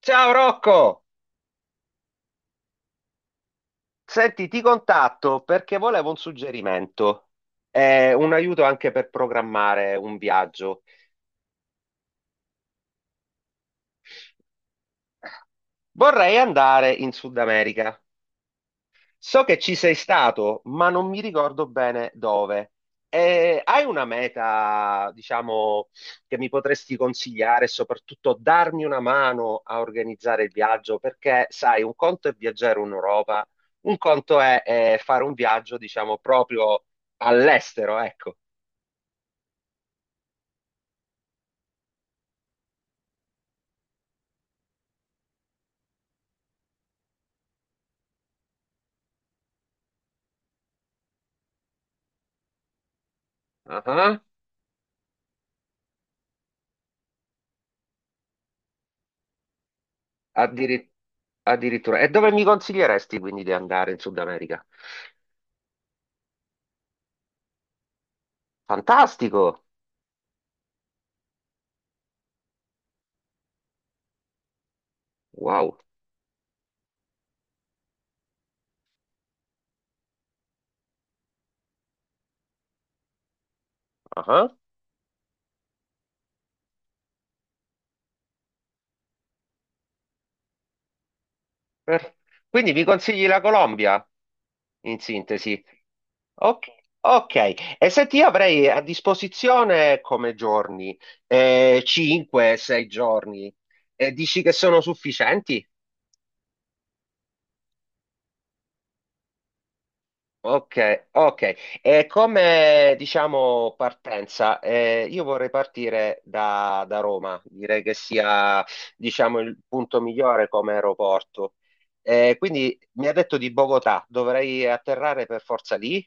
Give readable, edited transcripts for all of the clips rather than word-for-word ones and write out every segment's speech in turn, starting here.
Ciao Rocco! Senti, ti contatto perché volevo un suggerimento, un aiuto anche per programmare un viaggio. Vorrei andare in Sud America. So che ci sei stato, ma non mi ricordo bene dove. Hai una meta, diciamo, che mi potresti consigliare e soprattutto darmi una mano a organizzare il viaggio? Perché, sai, un conto è viaggiare in Europa, un conto è, fare un viaggio, diciamo, proprio all'estero, ecco. Ah, addiri- addirittura. E dove mi consiglieresti quindi di andare in Sud America? Fantastico! Wow. Ah, per- quindi mi consigli la Colombia, in sintesi. Ok. Ok. E senti, io avrei a disposizione come giorni, 5-6 giorni. E dici che sono sufficienti? Ok, ok. E come diciamo partenza, io vorrei partire da, da Roma, direi che sia diciamo il punto migliore come aeroporto. Quindi mi ha detto di Bogotà, dovrei atterrare per forza lì?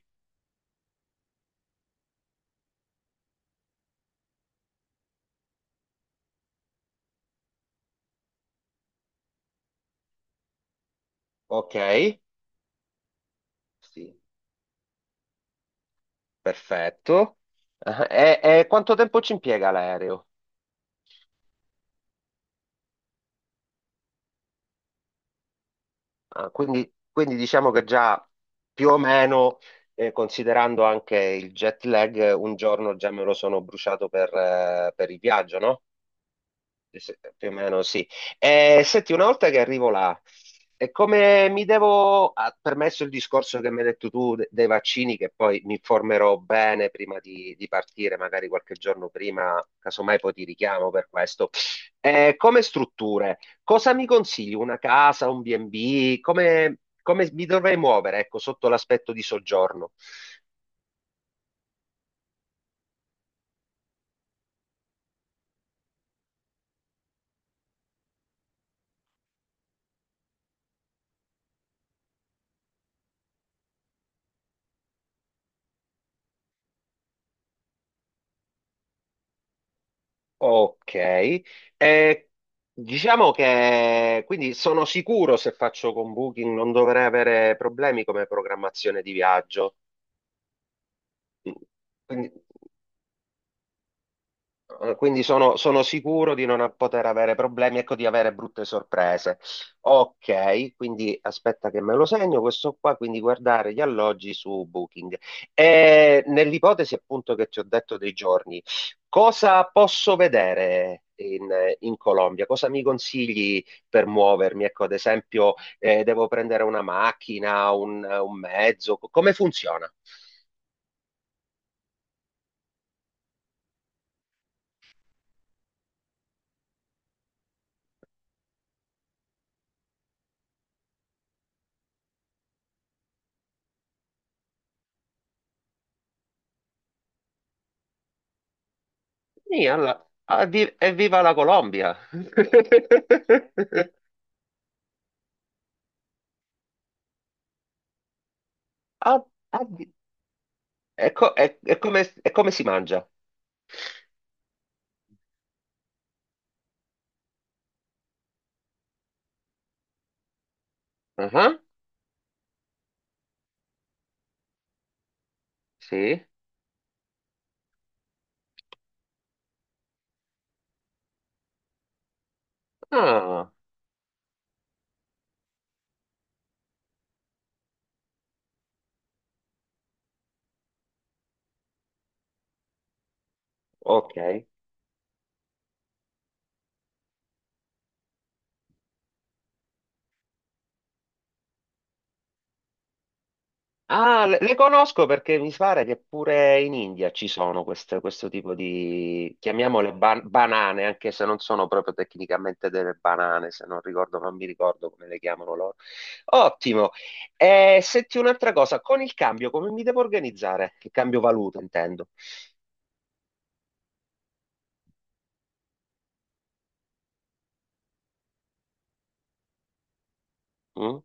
Ok, sì, perfetto. Ah, e quanto tempo ci impiega l'aereo? Ah, quindi, quindi diciamo che già più o meno, considerando anche il jet lag, un giorno già me lo sono bruciato per il viaggio, no? Più o meno sì. Senti, una volta che arrivo là, e come mi devo, ah, permesso il discorso che mi hai detto tu dei vaccini, che poi mi informerò bene prima di partire, magari qualche giorno prima, casomai poi ti richiamo per questo. Come strutture, cosa mi consigli? Una casa, un B&B? Come, come mi dovrei muovere, ecco, sotto l'aspetto di soggiorno? Ok. Eh, diciamo che quindi sono sicuro se faccio con Booking non dovrei avere problemi come programmazione di viaggio. Mm, quindi- quindi sono, sono sicuro di non poter avere problemi, ecco, di avere brutte sorprese. Ok, quindi aspetta che me lo segno questo qua, quindi guardare gli alloggi su Booking. E nell'ipotesi appunto che ti ho detto dei giorni, cosa posso vedere in, in Colombia? Cosa mi consigli per muovermi? Ecco, ad esempio, devo prendere una macchina, un mezzo, come funziona? Sì, evviva la Colombia! Ah, addi- è, è come si mangia? Ah, sì. Ah, ok. Ah, le conosco perché mi pare che pure in India ci sono questo tipo di, chiamiamole banane, anche se non sono proprio tecnicamente delle banane, se non ricordo, non mi ricordo come le chiamano loro. Ottimo. Senti un'altra cosa, con il cambio come mi devo organizzare? Il cambio valuta, intendo. Mm,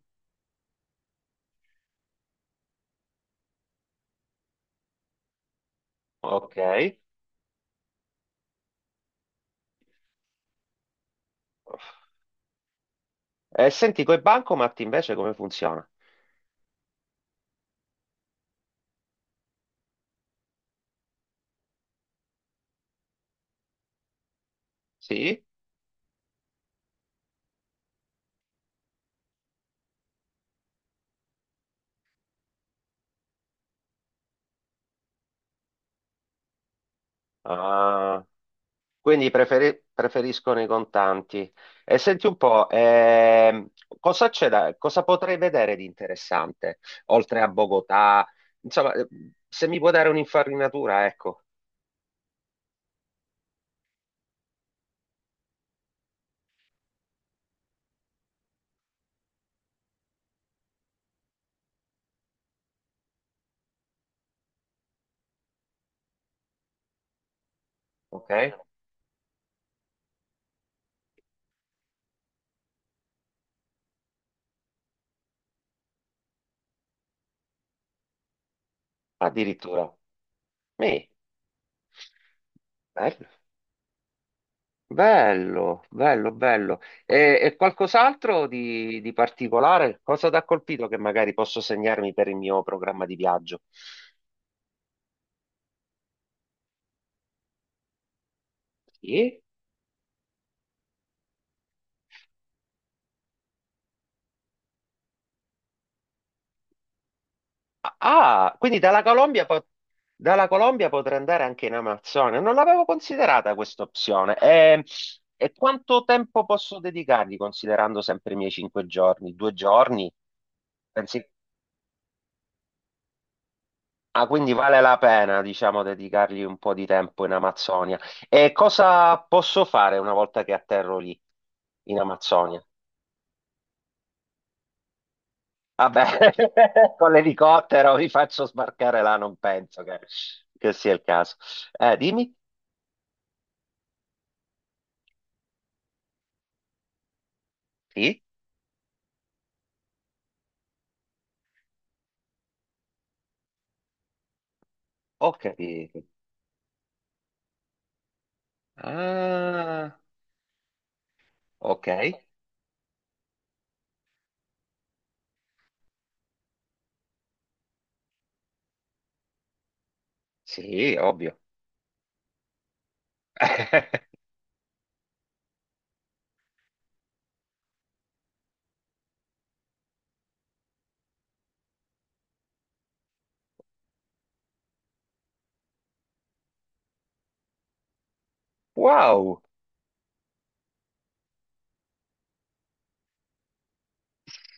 ok. E senti, coi bancomat invece come funziona? Sì? Ah, quindi preferiscono i contanti. E senti un po', cosa c'è da, cosa potrei vedere di interessante, oltre a Bogotà? Insomma, se mi può dare un'infarinatura, ecco. Ok? Addirittura. Mi. Bello. Bello, bello, bello. E qualcos'altro di particolare? Cosa ti ha colpito che magari posso segnarmi per il mio programma di viaggio? Sì? Ah, ah, quindi dalla Colombia, dalla Colombia potrei andare anche in Amazzonia. Non l'avevo considerata questa opzione. E quanto tempo posso dedicargli considerando sempre i miei 5 giorni? 2 giorni? Pensi? Ah, quindi vale la pena, diciamo, dedicargli un po' di tempo in Amazzonia. E cosa posso fare una volta che atterro lì, in Amazzonia? Vabbè, con l'elicottero vi faccio sbarcare là, non penso che sia il caso. Dimmi? Sì? Ho capito. Ah, ok. Sì, ovvio. Wow!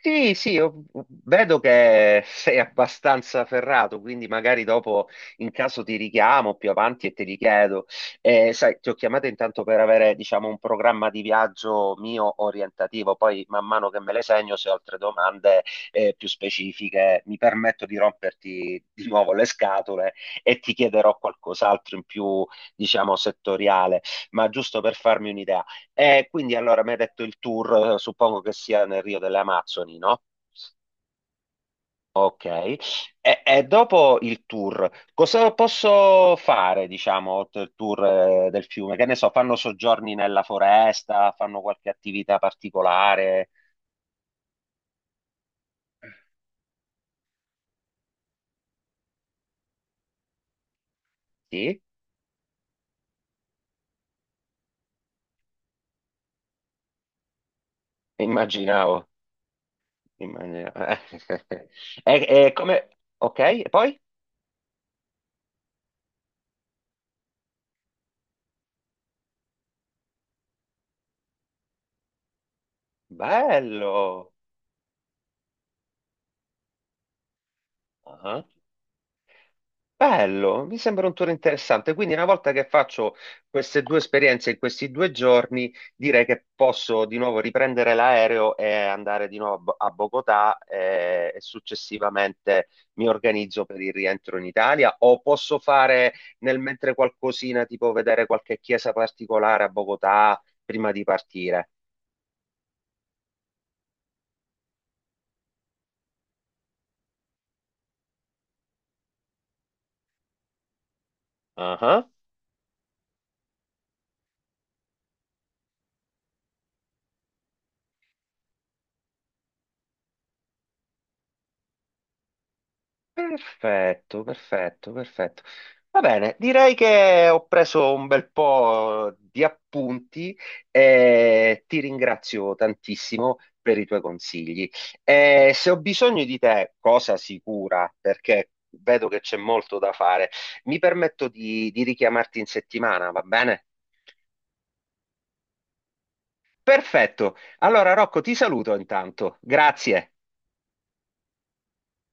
Sì, sì, io vedo che sei abbastanza ferrato, quindi magari dopo in caso ti richiamo più avanti e te li chiedo. Sai, ti ho chiamato intanto per avere, diciamo, un programma di viaggio mio orientativo, poi man mano che me le segno, se ho altre domande più specifiche, mi permetto di romperti di nuovo le scatole e ti chiederò qualcos'altro in più, diciamo, settoriale, ma giusto per farmi un'idea. E quindi allora mi hai detto il tour, suppongo che sia nel Rio delle Amazzoni, no? Ok, e dopo il tour, cosa posso fare, diciamo, oltre il tour del fiume? Che ne so, fanno soggiorni nella foresta, fanno qualche attività particolare? Sì, immaginavo, immaginavo. E, e come... Ok, e poi? Bello! Ah. Bello, mi sembra un tour interessante. Quindi una volta che faccio queste 2 esperienze in questi 2 giorni, direi che posso di nuovo riprendere l'aereo e andare di nuovo a a Bogotà e, successivamente mi organizzo per il rientro in Italia o posso fare nel mentre qualcosina, tipo vedere qualche chiesa particolare a Bogotà prima di partire. Ah. Perfetto, perfetto, perfetto. Va bene, direi che ho preso un bel po' di appunti e ti ringrazio tantissimo per i tuoi consigli. E se ho bisogno di te, cosa sicura, perché vedo che c'è molto da fare, mi permetto di richiamarti in settimana, va bene? Perfetto. Allora, Rocco, ti saluto intanto. Grazie.